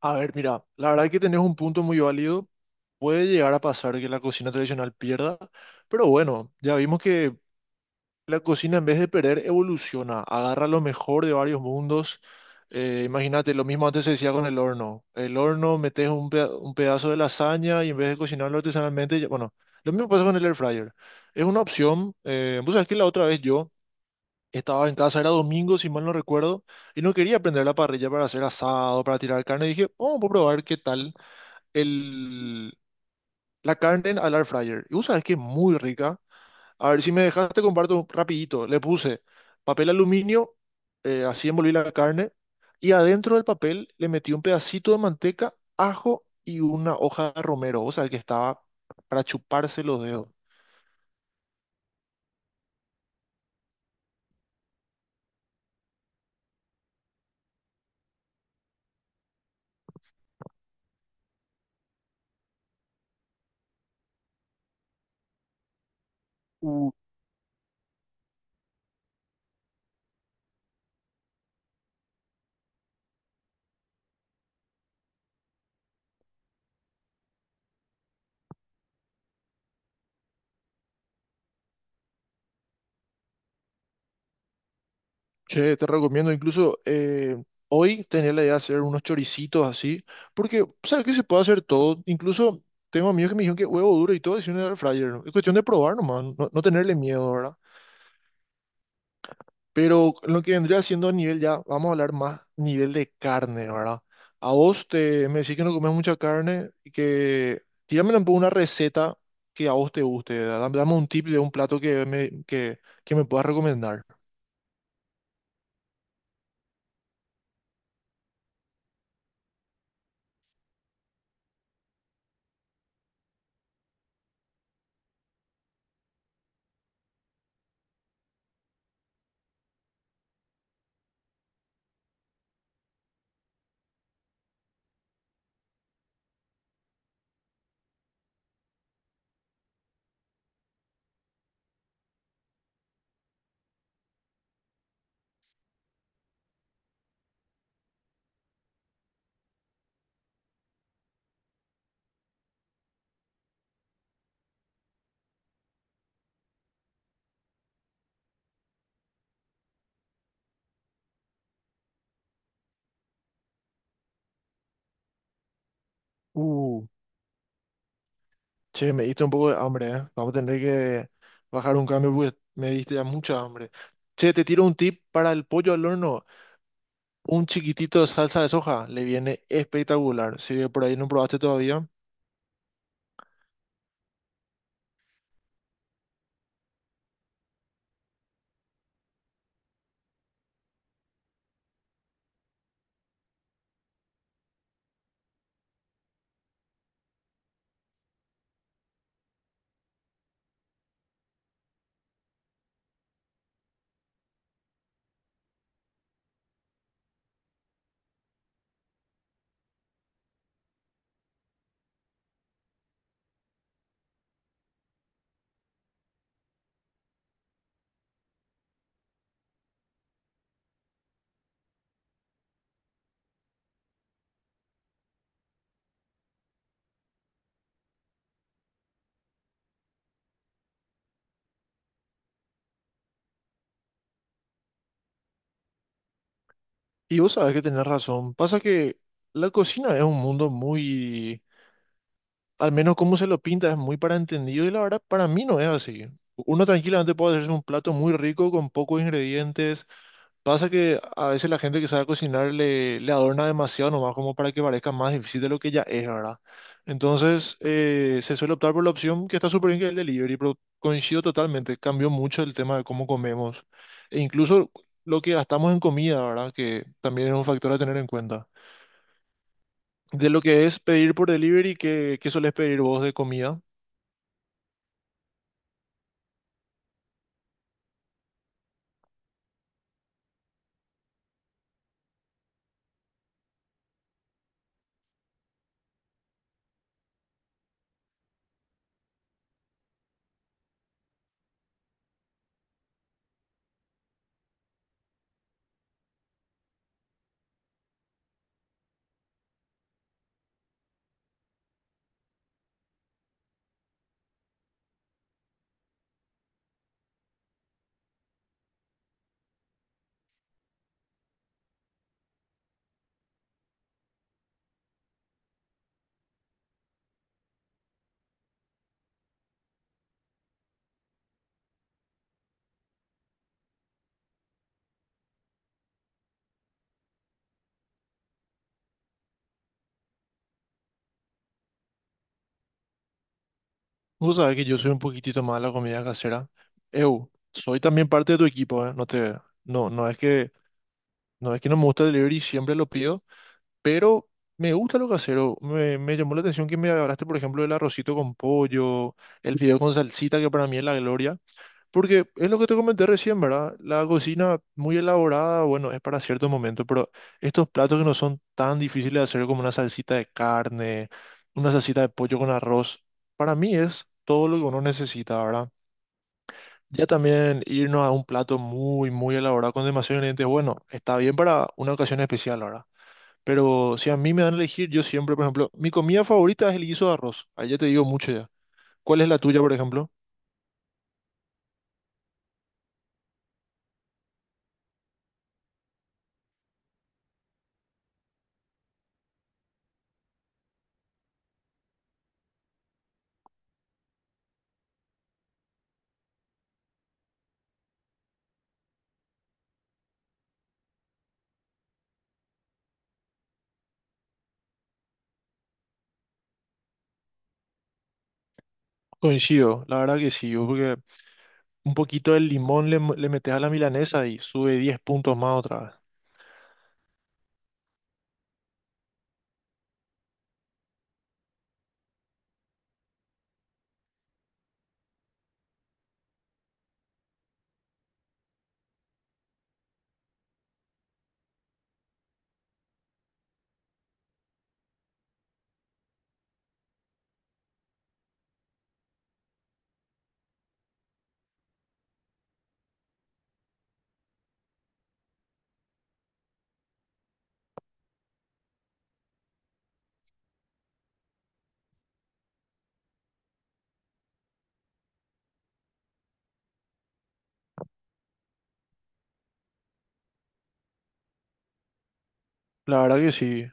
A ver, mira, la verdad que tenés un punto muy válido. Puede llegar a pasar que la cocina tradicional pierda, pero bueno, ya vimos que la cocina en vez de perder evoluciona, agarra lo mejor de varios mundos. Imagínate, lo mismo antes se decía con el horno. El horno metes un pedazo de lasaña y en vez de cocinarlo artesanalmente, bueno, lo mismo pasa con el air fryer. Es una opción. Vos sabés que la otra vez yo estaba en casa, era domingo, si mal no recuerdo, y no quería prender la parrilla para hacer asado, para tirar carne. Y dije, oh, voy a probar qué tal el, la carne al air fryer. Y vos sabés que es muy rica. A ver, si me dejaste, te comparto rapidito. Le puse papel aluminio, así envolví la carne, y adentro del papel le metí un pedacito de manteca, ajo y una hoja de romero. Vos sabés que estaba para chuparse los dedos. Che, te recomiendo incluso hoy tenía la idea de hacer unos choricitos así, porque sabes que se puede hacer todo. Incluso tengo amigos que me dijeron que huevo duro y todo es un air fryer. ¿No? Es cuestión de probar nomás, no, no tenerle miedo, ¿verdad? Pero lo que vendría siendo a nivel ya, vamos a hablar más nivel de carne, ¿verdad? Me decís que no comes mucha carne y que tírame un poco una receta que a vos te guste, ¿verdad? Dame un tip de un plato que me puedas recomendar. Uh. Che, me diste un poco de hambre, ¿eh? Vamos a tener que bajar un cambio porque me diste ya mucha hambre. Che, te tiro un tip para el pollo al horno. Un chiquitito de salsa de soja le viene espectacular. Si por ahí no probaste todavía. Y vos sabés que tenés razón. Pasa que la cocina es un mundo muy, al menos como se lo pinta, es muy para entendido y la verdad para mí no es así. Uno tranquilamente puede hacerse un plato muy rico con pocos ingredientes. Pasa que a veces la gente que sabe cocinar le adorna demasiado nomás como para que parezca más difícil de lo que ya es, ¿verdad? Entonces se suele optar por la opción que está súper bien que es el delivery, pero coincido totalmente, cambió mucho el tema de cómo comemos e incluso lo que gastamos en comida, ¿verdad? Que también es un factor a tener en cuenta. De lo que es pedir por delivery, ¿qué solés pedir vos de comida? Vos sabés que yo soy un poquitito más de la comida casera. Eu, soy también parte de tu equipo, ¿eh? No es que... No es que no me gusta el delivery, siempre lo pido, pero me gusta lo casero. Me llamó la atención que me hablaste, por ejemplo, del arrocito con pollo, el fideo con salsita, que para mí es la gloria, porque es lo que te comenté recién, ¿verdad? La cocina muy elaborada, bueno, es para ciertos momentos, pero estos platos que no son tan difíciles de hacer como una salsita de carne, una salsita de pollo con arroz, para mí es todo lo que uno necesita, ¿verdad? Ya también irnos a un plato muy, muy elaborado con demasiados ingredientes, bueno, está bien para una ocasión especial ahora. Pero si a mí me dan a elegir, yo siempre, por ejemplo, mi comida favorita es el guiso de arroz. Ahí ya te digo mucho ya. ¿Cuál es la tuya, por ejemplo? Coincido, la verdad que sí, yo porque un poquito de limón le metes a la milanesa y sube 10 puntos más otra vez. La verdad que sí.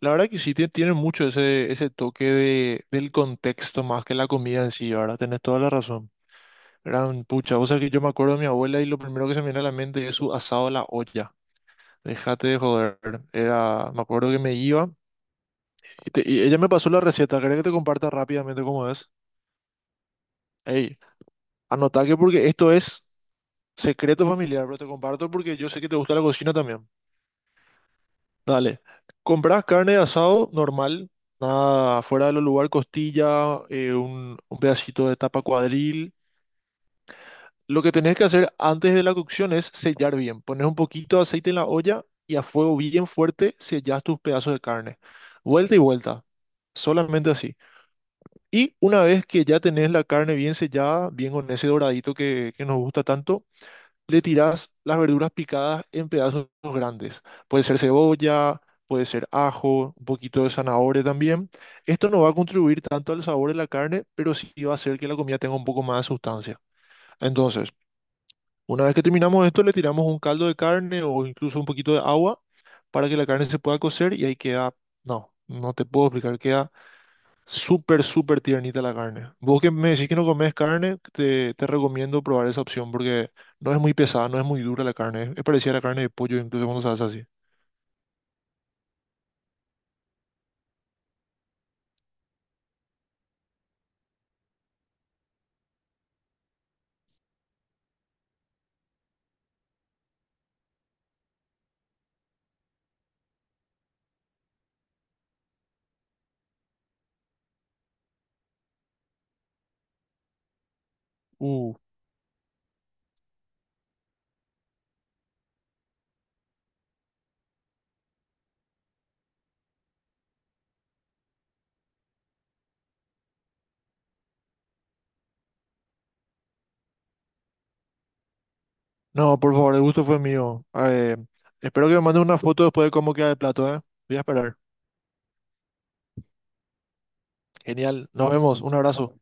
La verdad que sí, tiene mucho ese, ese toque de, del contexto más que la comida en sí, ahora tenés toda la razón. Gran pucha, o sea que yo me acuerdo de mi abuela y lo primero que se me viene a la mente es su asado a la olla. Déjate de joder. Era, me acuerdo que me iba y ella me pasó la receta. ¿Querés que te comparta rápidamente cómo es? Ey, anota que porque esto es secreto familiar, pero te comparto porque yo sé que te gusta la cocina también. Dale. Comprás carne de asado normal, nada fuera de los lugar, costilla, un pedacito de tapa cuadril. Lo que tenés que hacer antes de la cocción es sellar bien. Pones un poquito de aceite en la olla y a fuego bien fuerte sellas tus pedazos de carne. Vuelta y vuelta, solamente así. Y una vez que ya tenés la carne bien sellada, bien con ese doradito que nos gusta tanto, le tirás las verduras picadas en pedazos grandes. Puede ser cebolla, puede ser ajo, un poquito de zanahoria también. Esto no va a contribuir tanto al sabor de la carne, pero sí va a hacer que la comida tenga un poco más de sustancia. Entonces... Una vez que terminamos esto, le tiramos un caldo de carne o incluso un poquito de agua para que la carne se pueda cocer y ahí queda, no, no te puedo explicar, queda súper, súper tiernita la carne. Vos que me decís que no comes carne, te recomiendo probar esa opción porque no es muy pesada, no es muy dura la carne, es parecida a la carne de pollo incluso cuando se hace así. Uh, no, por favor, el gusto fue mío. Espero que me mandes una foto después de cómo queda el plato, ¿eh? Voy a esperar. Genial, nos vemos, un abrazo.